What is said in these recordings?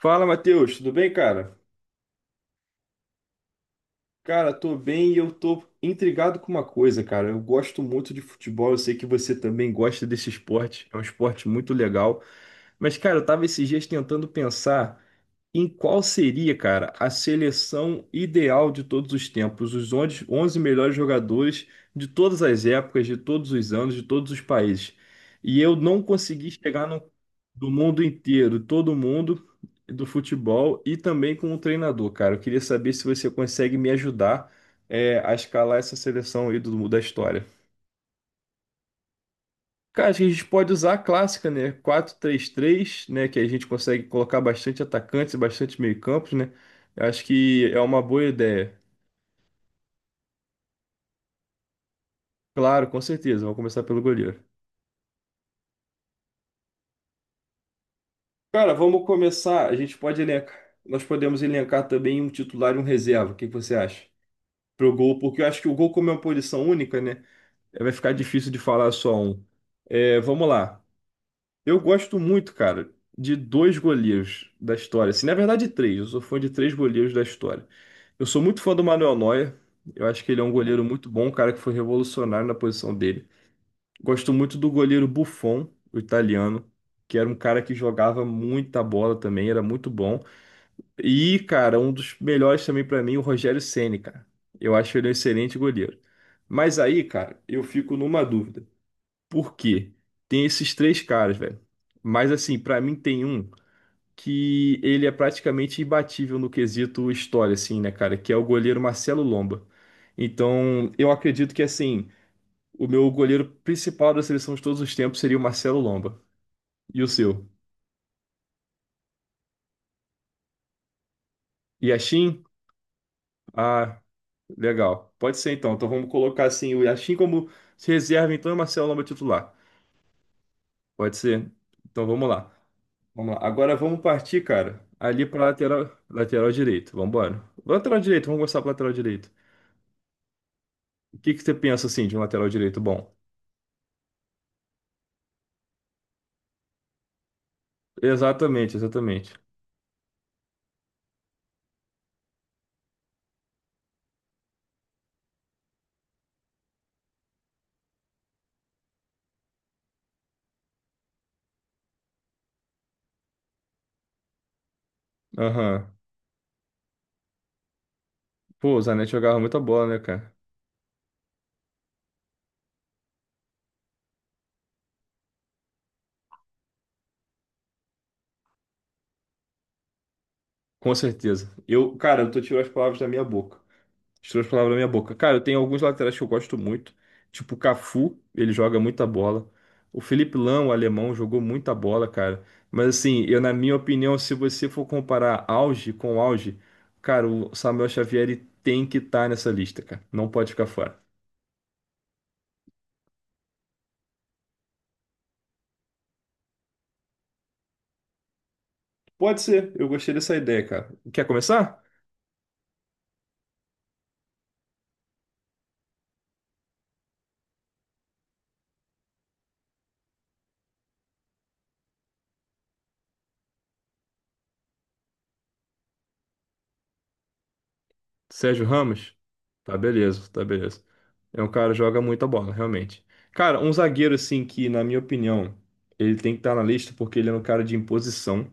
Fala, Matheus, tudo bem, cara? Cara, tô bem e eu tô intrigado com uma coisa, cara. Eu gosto muito de futebol, eu sei que você também gosta desse esporte, é um esporte muito legal. Mas, cara, eu tava esses dias tentando pensar em qual seria, cara, a seleção ideal de todos os tempos, os 11 11 melhores jogadores de todas as épocas, de todos os anos, de todos os países. E eu não consegui chegar no do mundo inteiro, todo mundo do futebol e também com o treinador, cara. Eu queria saber se você consegue me ajudar a escalar essa seleção aí da história. Cara, acho que a gente pode usar a clássica, né? Quatro três três, né? Que a gente consegue colocar bastante atacantes e bastante meio-campos, né? Eu acho que é uma boa ideia. Claro, com certeza. Vamos começar pelo goleiro. Cara, vamos começar. A gente pode elencar. Nós podemos elencar também um titular e um reserva. O que que você acha? Pro gol, porque eu acho que o gol, como é uma posição única, né? É, vai ficar difícil de falar só um. É, vamos lá. Eu gosto muito, cara, de dois goleiros da história. Assim, na verdade, três. Eu sou fã de três goleiros da história. Eu sou muito fã do Manuel Neuer. Eu acho que ele é um goleiro muito bom, um cara que foi revolucionário na posição dele. Gosto muito do goleiro Buffon, o italiano, que era um cara que jogava muita bola também, era muito bom. E, cara, um dos melhores também pra mim, o Rogério Ceni, cara. Eu acho ele um excelente goleiro. Mas aí, cara, eu fico numa dúvida. Por quê? Tem esses três caras, velho. Mas assim, pra mim tem um que ele é praticamente imbatível no quesito história, assim, né, cara? Que é o goleiro Marcelo Lomba. Então, eu acredito que assim, o meu goleiro principal da seleção de todos os tempos seria o Marcelo Lomba. E o seu? Yashin? Ah, legal. Pode ser então. Então vamos colocar assim o Yashin como reserva, então, e o Marcelo Lomba titular. Pode ser? Então vamos lá. Vamos lá. Agora vamos partir, cara, ali para lateral direito. Vamos embora. Lateral direito, vamos gostar para lateral direito. O que que você pensa assim de um lateral direito bom? Exatamente, exatamente. Aham. Pô, o Zanetti jogava muita bola, né, cara? Com certeza. Eu, cara, eu tô tirando as palavras da minha boca. Tirou as palavras na minha boca. Cara, eu tenho alguns laterais que eu gosto muito. Tipo o Cafu, ele joga muita bola. O Felipe Lão, o alemão, jogou muita bola, cara. Mas assim, eu na minha opinião, se você for comparar auge com auge, cara, o Samuel Xavier ele tem que estar nessa lista, cara. Não pode ficar fora. Pode ser, eu gostei dessa ideia, cara. Quer começar? Sérgio Ramos? Tá beleza, tá beleza. É um cara que joga muita bola, realmente. Cara, um zagueiro assim que, na minha opinião, ele tem que estar na lista porque ele era um cara de imposição,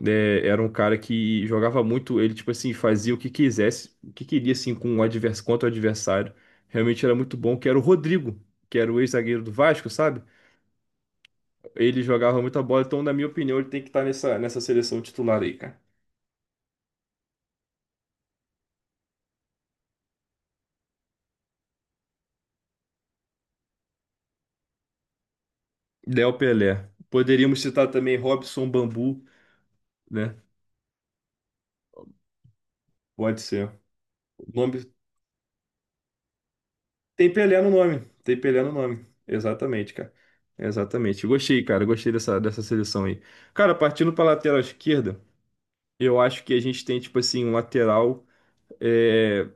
né? Era um cara que jogava muito, ele tipo assim, fazia o que quisesse, o que queria assim com o advers contra o adversário. Realmente era muito bom, que era o Rodrigo, que era o ex-zagueiro do Vasco, sabe? Ele jogava muita bola, então na minha opinião, ele tem que estar nessa seleção titular aí, cara. Léo Pelé. Poderíamos citar também Robson Bambu, né? Pode ser. O nome tem Pelé no nome. Tem Pelé no nome. Exatamente, cara. Exatamente. Gostei, cara. Gostei dessa seleção aí. Cara, partindo para lateral esquerda, eu acho que a gente tem, tipo assim, um lateral é,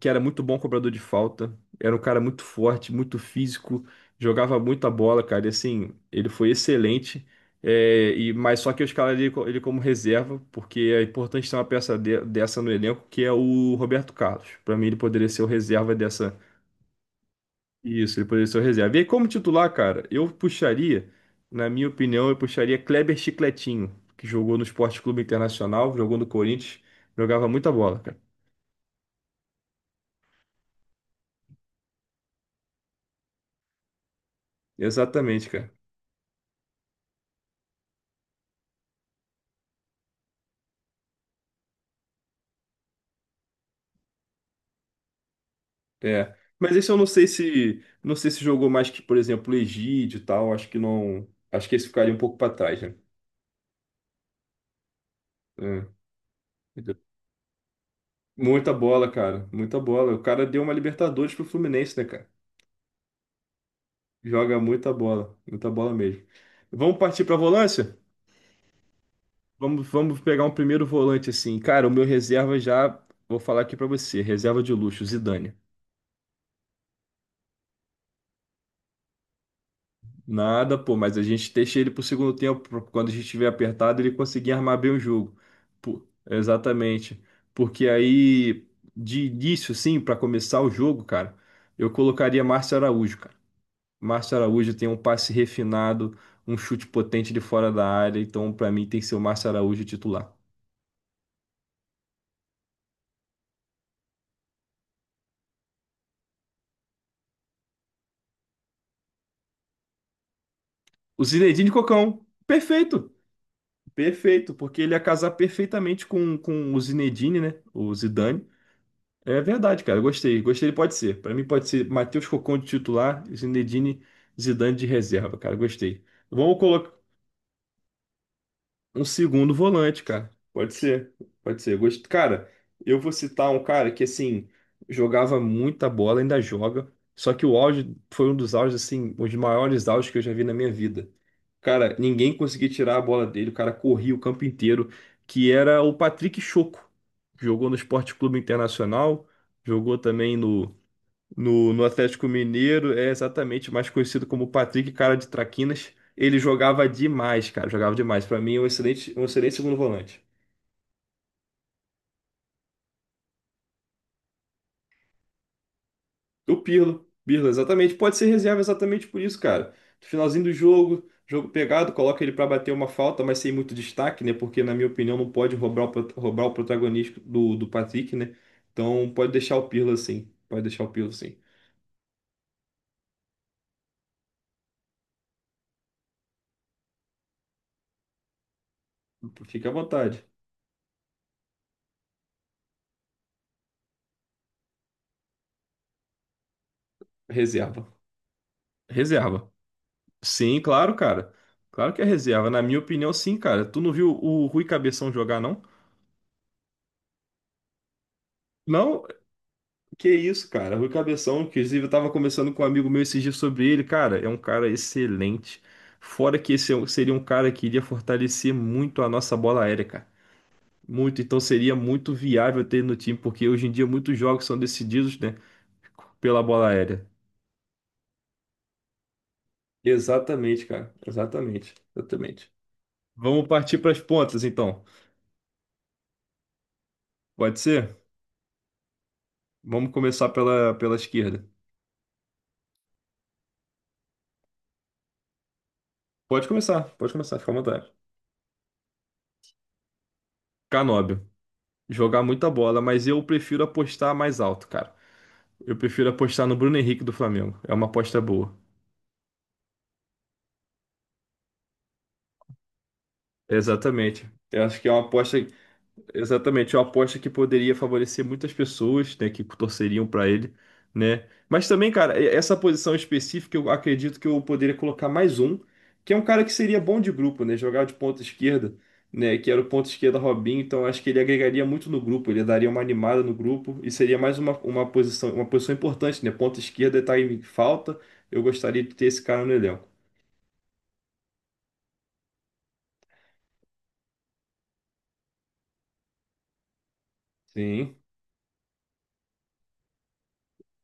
que era muito bom cobrador de falta. Era um cara muito forte, muito físico, jogava muita bola, cara. E assim, ele foi excelente. É, mas só que eu escalaria ele como reserva, porque é importante ter uma peça dessa no elenco, que é o Roberto Carlos. Para mim, ele poderia ser o reserva dessa Isso, ele poderia ser o reserva. E aí, como titular, cara, na minha opinião, eu puxaria Kleber Chicletinho, que jogou no Sport Clube Internacional, jogou no Corinthians, jogava muita bola, cara. Exatamente, cara. É. Mas esse eu não sei se jogou mais que, por exemplo, o Egídio e tal, acho que não, acho que esse ficaria um pouco para trás, né? É. Muita bola, cara, muita bola. O cara deu uma Libertadores pro Fluminense, né, cara? Joga muita bola mesmo. Vamos partir pra volância? Vamos pegar um primeiro volante assim. Cara, o meu reserva já. Vou falar aqui pra você. Reserva de luxo, Zidane. Nada, pô, mas a gente deixa ele pro segundo tempo. Quando a gente estiver apertado, ele conseguir armar bem o jogo. Pô, exatamente. Porque aí, de início, assim, pra começar o jogo, cara, eu colocaria Márcio Araújo, cara. Márcio Araújo tem um passe refinado, um chute potente de fora da área. Então, pra mim, tem que ser o Márcio Araújo titular. O Zinedine Cocão. Perfeito. Perfeito, porque ele ia casar perfeitamente com o Zinedine, né? O Zidane. É verdade, cara. Eu gostei. Gostei, ele pode ser. Pra mim pode ser Matheus Cocon de titular, Zinedine, Zidane de reserva, cara. Gostei. Vamos colocar um segundo volante, cara. Pode ser. Pode ser. Cara, eu vou citar um cara que, assim, jogava muita bola, ainda joga. Só que o auge foi um dos auges, assim, os maiores auges que eu já vi na minha vida. Cara, ninguém conseguia tirar a bola dele, o cara corria o campo inteiro, que era o Patrick Choco. Jogou no Esporte Clube Internacional, jogou também no Atlético Mineiro, é exatamente mais conhecido como Patrick Cara de Traquinas. Ele jogava demais, cara, jogava demais. Pra mim, é um excelente, segundo volante. O Pirlo, Pirlo, exatamente. Pode ser reserva exatamente por isso, cara. No finalzinho do jogo, jogo pegado, coloca ele pra bater uma falta, mas sem muito destaque, né? Porque, na minha opinião, não pode roubar roubar o protagonismo do Patrick, né? Então, pode deixar o Pirlo assim. Pode deixar o Pirlo assim. Fica à vontade. Reserva. Reserva. Sim, claro, cara. Claro que é reserva. Na minha opinião, sim, cara. Tu não viu o Rui Cabeção jogar, não? Não? Que isso, cara. Rui Cabeção, inclusive, eu tava conversando com um amigo meu esses dias sobre ele. Cara, é um cara excelente. Fora que esse seria um cara que iria fortalecer muito a nossa bola aérea, cara. Muito, então seria muito viável ter ele no time, porque hoje em dia muitos jogos são decididos, né, pela bola aérea. Exatamente, cara. Exatamente. Exatamente. Vamos partir para as pontas, então. Pode ser? Vamos começar pela esquerda. Pode começar, fica à vontade. Canóbio. Jogar muita bola, mas eu prefiro apostar mais alto, cara. Eu prefiro apostar no Bruno Henrique do Flamengo. É uma aposta boa. Exatamente. Eu acho que é uma aposta, exatamente, é uma aposta que poderia favorecer muitas pessoas, né, que torceriam para ele, né? Mas também, cara, essa posição específica, eu acredito que eu poderia colocar mais um, que é um cara que seria bom de grupo, né? Jogar de ponta esquerda, né? Que era o ponta esquerda Robinho, então acho que ele agregaria muito no grupo, ele daria uma animada no grupo e seria mais uma posição importante, né? Ponta esquerda tá em falta. Eu gostaria de ter esse cara no elenco. Sim.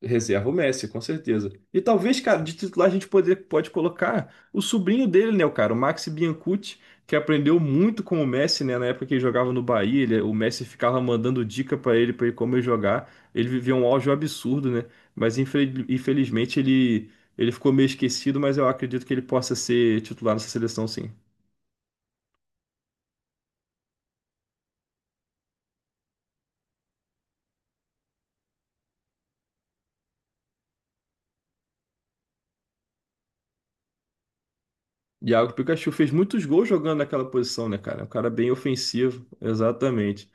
Reserva o Messi, com certeza. E talvez, cara, de titular a gente pode colocar o sobrinho dele, né, o cara, o Maxi Biancucci, que aprendeu muito com o Messi, né, na época que ele jogava no Bahia, o Messi ficava mandando dica para ele como ele jogar. Ele vivia um auge absurdo, né? Mas infelizmente ele ficou meio esquecido, mas eu acredito que ele possa ser titular nessa seleção, sim. Iago Pikachu fez muitos gols jogando naquela posição, né, cara? Um cara bem ofensivo, exatamente.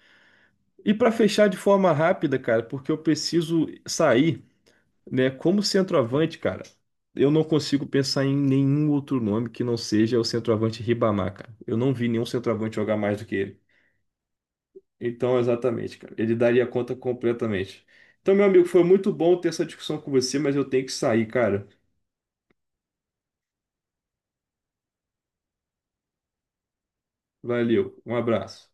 E para fechar de forma rápida, cara, porque eu preciso sair, né? Como centroavante, cara, eu não consigo pensar em nenhum outro nome que não seja o centroavante Ribamar, cara. Eu não vi nenhum centroavante jogar mais do que ele. Então, exatamente, cara, ele daria conta completamente. Então, meu amigo, foi muito bom ter essa discussão com você, mas eu tenho que sair, cara. Valeu, um abraço.